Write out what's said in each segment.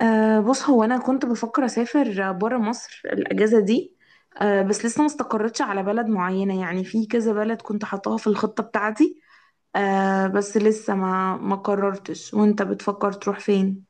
بص، هو أنا كنت بفكر أسافر برا مصر الأجازة دي. بس لسه ما استقرتش على بلد معينة، يعني في كذا بلد كنت حطاها في الخطة بتاعتي. بس لسه ما ما قررتش. وأنت بتفكر تروح فين؟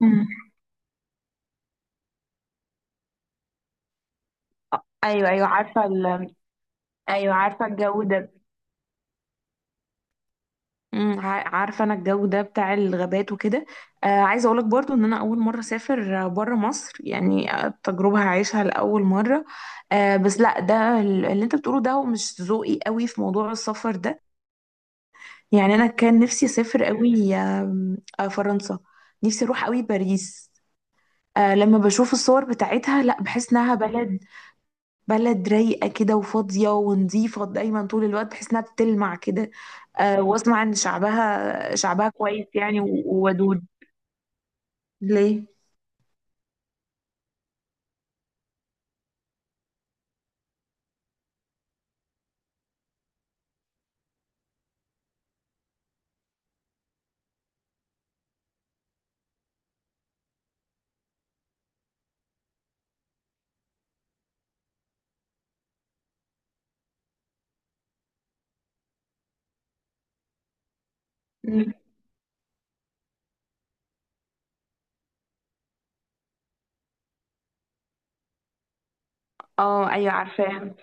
مم. ايوه، ايوه، عارفه ايوه، عارفه الجو ده. عارفه انا الجو ده بتاع الغابات وكده. عايزه اقولك برضو ان انا اول مره اسافر بره مصر، يعني. التجربه هعيشها لاول مره. بس لا، ده اللي انت بتقوله ده هو مش ذوقي قوي في موضوع السفر ده. يعني انا كان نفسي اسافر قوي، آم، آه فرنسا. نفسي اروح قوي باريس. لما بشوف الصور بتاعتها، لا، بحس انها بلد بلد رايقة كده وفاضية ونظيفة دايما طول الوقت، بحس انها بتلمع كده. واسمع ان شعبها شعبها كويس، يعني وودود. ليه؟ مم. اه، ايوه، عارفاها.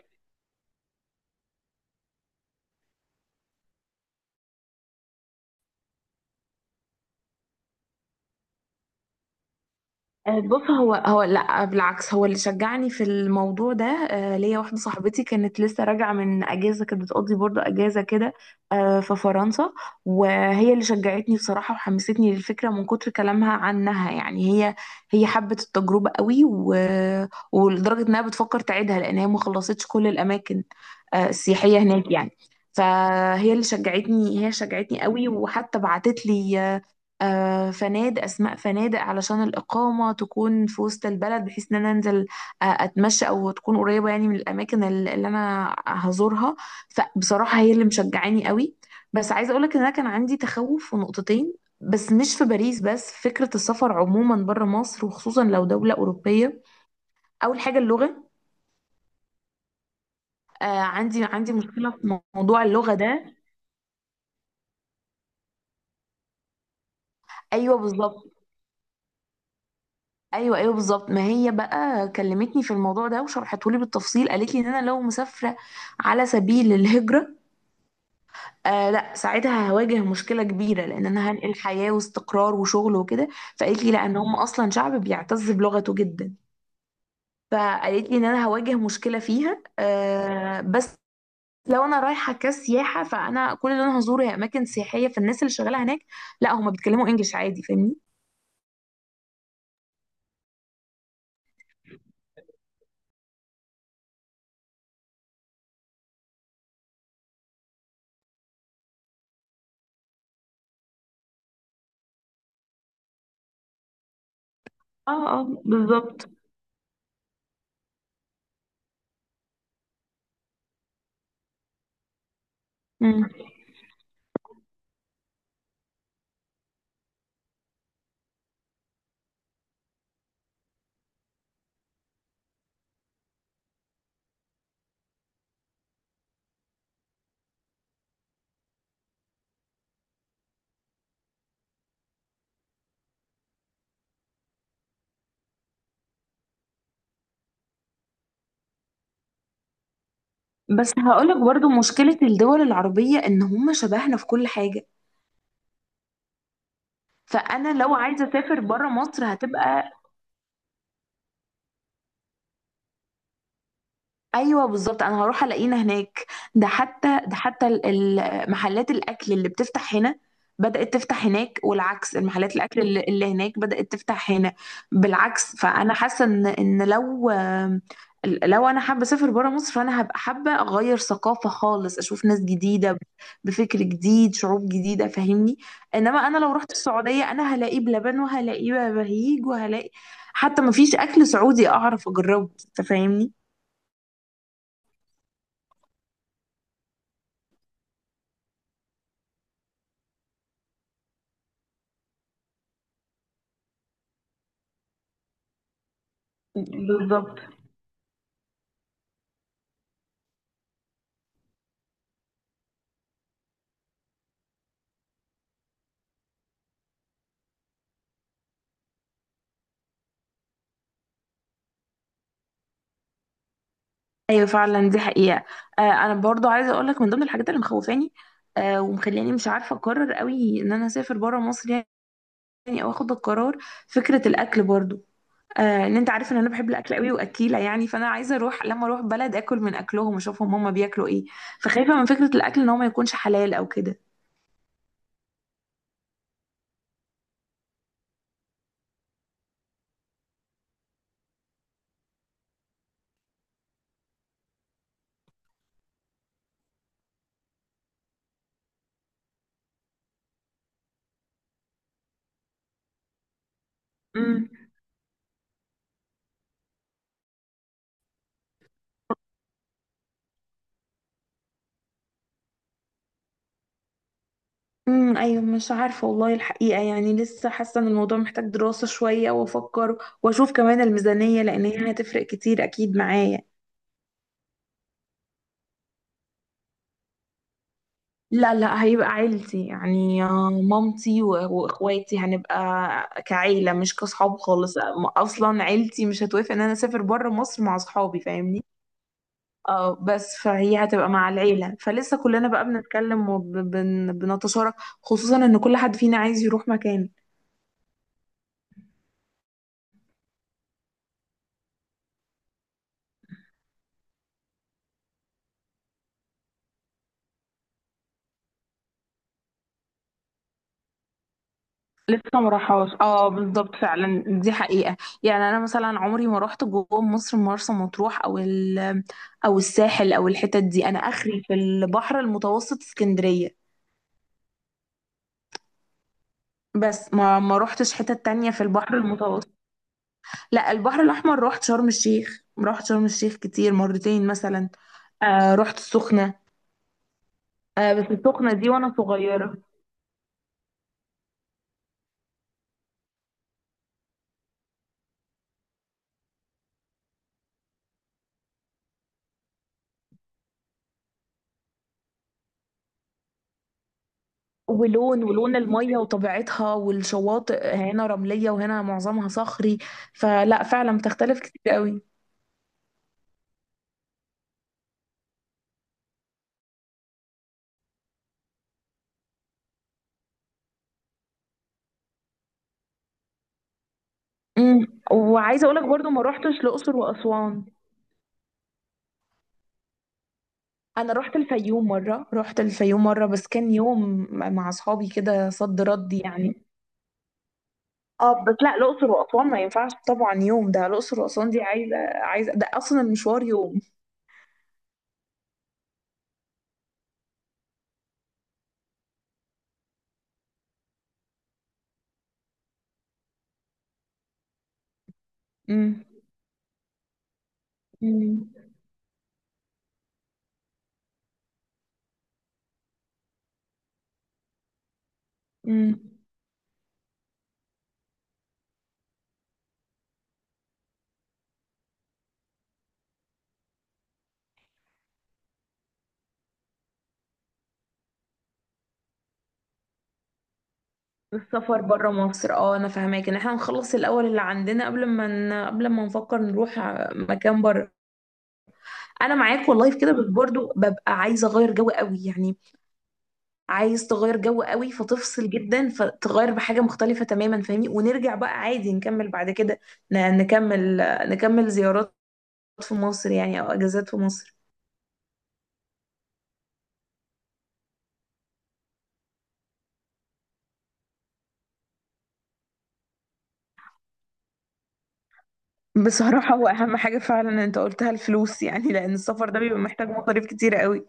بص، هو هو لا بالعكس، هو اللي شجعني في الموضوع ده. ليا واحده صاحبتي كانت لسه راجعه من اجازه، كانت بتقضي برضو اجازه كده في فرنسا. وهي اللي شجعتني بصراحه وحمستني للفكره من كتر كلامها عنها، يعني هي حبت التجربه قوي ولدرجه انها بتفكر تعيدها، لان هي ما خلصتش كل الاماكن السياحيه هناك يعني. فهي اللي شجعتني، هي شجعتني قوي، وحتى بعتت لي فنادق، اسماء فنادق علشان الاقامه تكون في وسط البلد، بحيث ان انا انزل اتمشى، او تكون قريبه يعني من الاماكن اللي انا هزورها. فبصراحه هي اللي مشجعاني قوي. بس عايزه اقولك ان انا كان عندي تخوف في نقطتين، بس مش في باريس بس، فكره السفر عموما بره مصر، وخصوصا لو دوله اوروبيه. اول حاجه، اللغه. عندي مشكله في موضوع اللغه ده. ايوه، بالظبط. ايوه، ايوه، بالظبط. ما هي بقى كلمتني في الموضوع ده وشرحته لي بالتفصيل، قالت لي ان انا لو مسافره على سبيل الهجره لا، ساعتها هواجه مشكله كبيره، لان انا هنقل حياه واستقرار وشغل وكده. فقالت لي لا، ان هم اصلا شعب بيعتز بلغته جدا. فقالت لي ان انا هواجه مشكله فيها، بس لو انا رايحه كسياحه فانا كل اللي انا هزوره هي اماكن سياحيه، فالناس اللي شغاله هناك لا، هم بيتكلموا انجلش عادي، فاهمني. اه، اه، بالظبط. مم. بس هقولك برضو، مشكلة الدول العربية إن هم شبهنا في كل حاجة. فأنا لو عايزة أسافر برا مصر هتبقى. ايوه، بالظبط، انا هروح الاقينا هناك. ده حتى، ده حتى محلات الاكل اللي بتفتح هنا بدأت تفتح هناك، والعكس، المحلات الاكل اللي هناك بدأت تفتح هنا. بالعكس. فانا حاسه ان لو انا حابه اسافر بره مصر فانا هبقى حابه اغير ثقافه خالص، اشوف ناس جديده بفكر جديد، شعوب جديده، فاهمني. انما انا لو رحت السعوديه انا هلاقي بلبن وهلاقي بهيج وهلاقي، حتى مفيش اكل سعودي اعرف اجربه. انت فاهمني؟ بالظبط. ايوه، فعلا دي حقيقه. انا برضو عايزه اقول لك من ضمن الحاجات اللي مخوفاني ومخلياني مش عارفه اقرر قوي ان انا اسافر بره مصر، يعني او اخد القرار. فكره الاكل برضو، ان انت عارف ان انا بحب الاكل قوي واكيله، يعني فانا عايزه اروح، لما اروح بلد اكل من اكلهم واشوفهم هما بياكلوا ايه. فخايفه من فكره الاكل، ان هو ما يكونش حلال او كده. امم. ايوه، مش عارفه والله الحقيقه، يعني لسه حاسه ان الموضوع محتاج دراسه شويه، وافكر واشوف كمان الميزانيه، لان هي هتفرق كتير اكيد معايا. لا، لا، هيبقى عيلتي يعني. مامتي واخواتي هنبقى كعيلة مش كصحاب خالص. اصلا عيلتي مش هتوافق ان انا اسافر بره مصر مع صحابي، فاهمني. اه، بس فهي هتبقى مع العيلة، فلسه كلنا بقى بنتكلم وبنتشارك، خصوصا ان كل حد فينا عايز يروح مكان لسه ما راحهاش. اه، بالظبط، فعلا دي حقيقة. يعني انا مثلا عمري ما رحت جوه مصر مرسى مطروح او او الساحل، او الحتت دي، انا اخري في البحر المتوسط اسكندرية. بس ما روحتش حتة تانية في البحر المتوسط. لا، البحر الأحمر روحت شرم الشيخ، روحت شرم الشيخ كتير، مرتين مثلا. رحت السخنة. بس السخنة دي وأنا صغيرة. ولون المية وطبيعتها، والشواطئ هنا رملية وهنا معظمها صخري، فلا، فعلا بتختلف كتير قوي. وعايزة أقولك برضو، ما روحتش الأقصر وأسوان. أنا روحت الفيوم مرة، روحت الفيوم مرة بس كان يوم مع أصحابي كده صد رد يعني. اه، بس لا، الاقصر واسوان ما ينفعش طبعا يوم. ده الاقصر واسوان دي عايزه، عايزه، ده اصلا المشوار يوم. امم، امم، امم. السفر بره مصر. اه، انا فاهماك، ان احنا نخلص الاول اللي عندنا قبل ما نفكر نروح مكان بره. انا معاك والله في كده، بس برضو ببقى عايزه اغير جو قوي يعني. عايز تغير جو قوي، فتفصل جدا، فتغير بحاجه مختلفه تماما، فاهمني، ونرجع بقى عادي نكمل بعد كده. ن... نكمل نكمل زيارات في مصر، يعني او اجازات في مصر. بصراحة هو أهم حاجة فعلا أنت قلتها، الفلوس يعني، لأن السفر ده بيبقى محتاج مصاريف كتيرة قوي.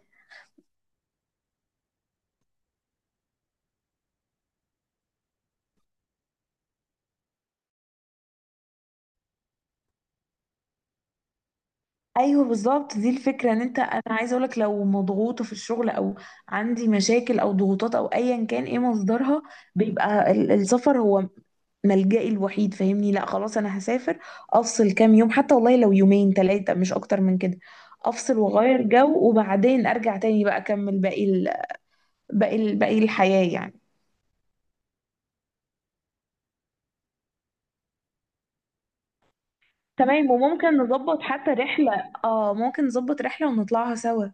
ايوه، بالظبط، دي الفكره. ان انا عايزه اقولك، لو مضغوطه في الشغل، او عندي مشاكل او ضغوطات، او ايا كان ايه مصدرها، بيبقى السفر هو ملجئي الوحيد، فاهمني. لا، خلاص انا هسافر، افصل كام يوم، حتى والله لو يومين ثلاثه، مش اكتر من كده. افصل واغير جو، وبعدين ارجع تاني بقى اكمل باقي الحياه يعني. تمام، وممكن نظبط حتى رحلة. اه، ممكن نظبط رحلة ونطلعها سوا.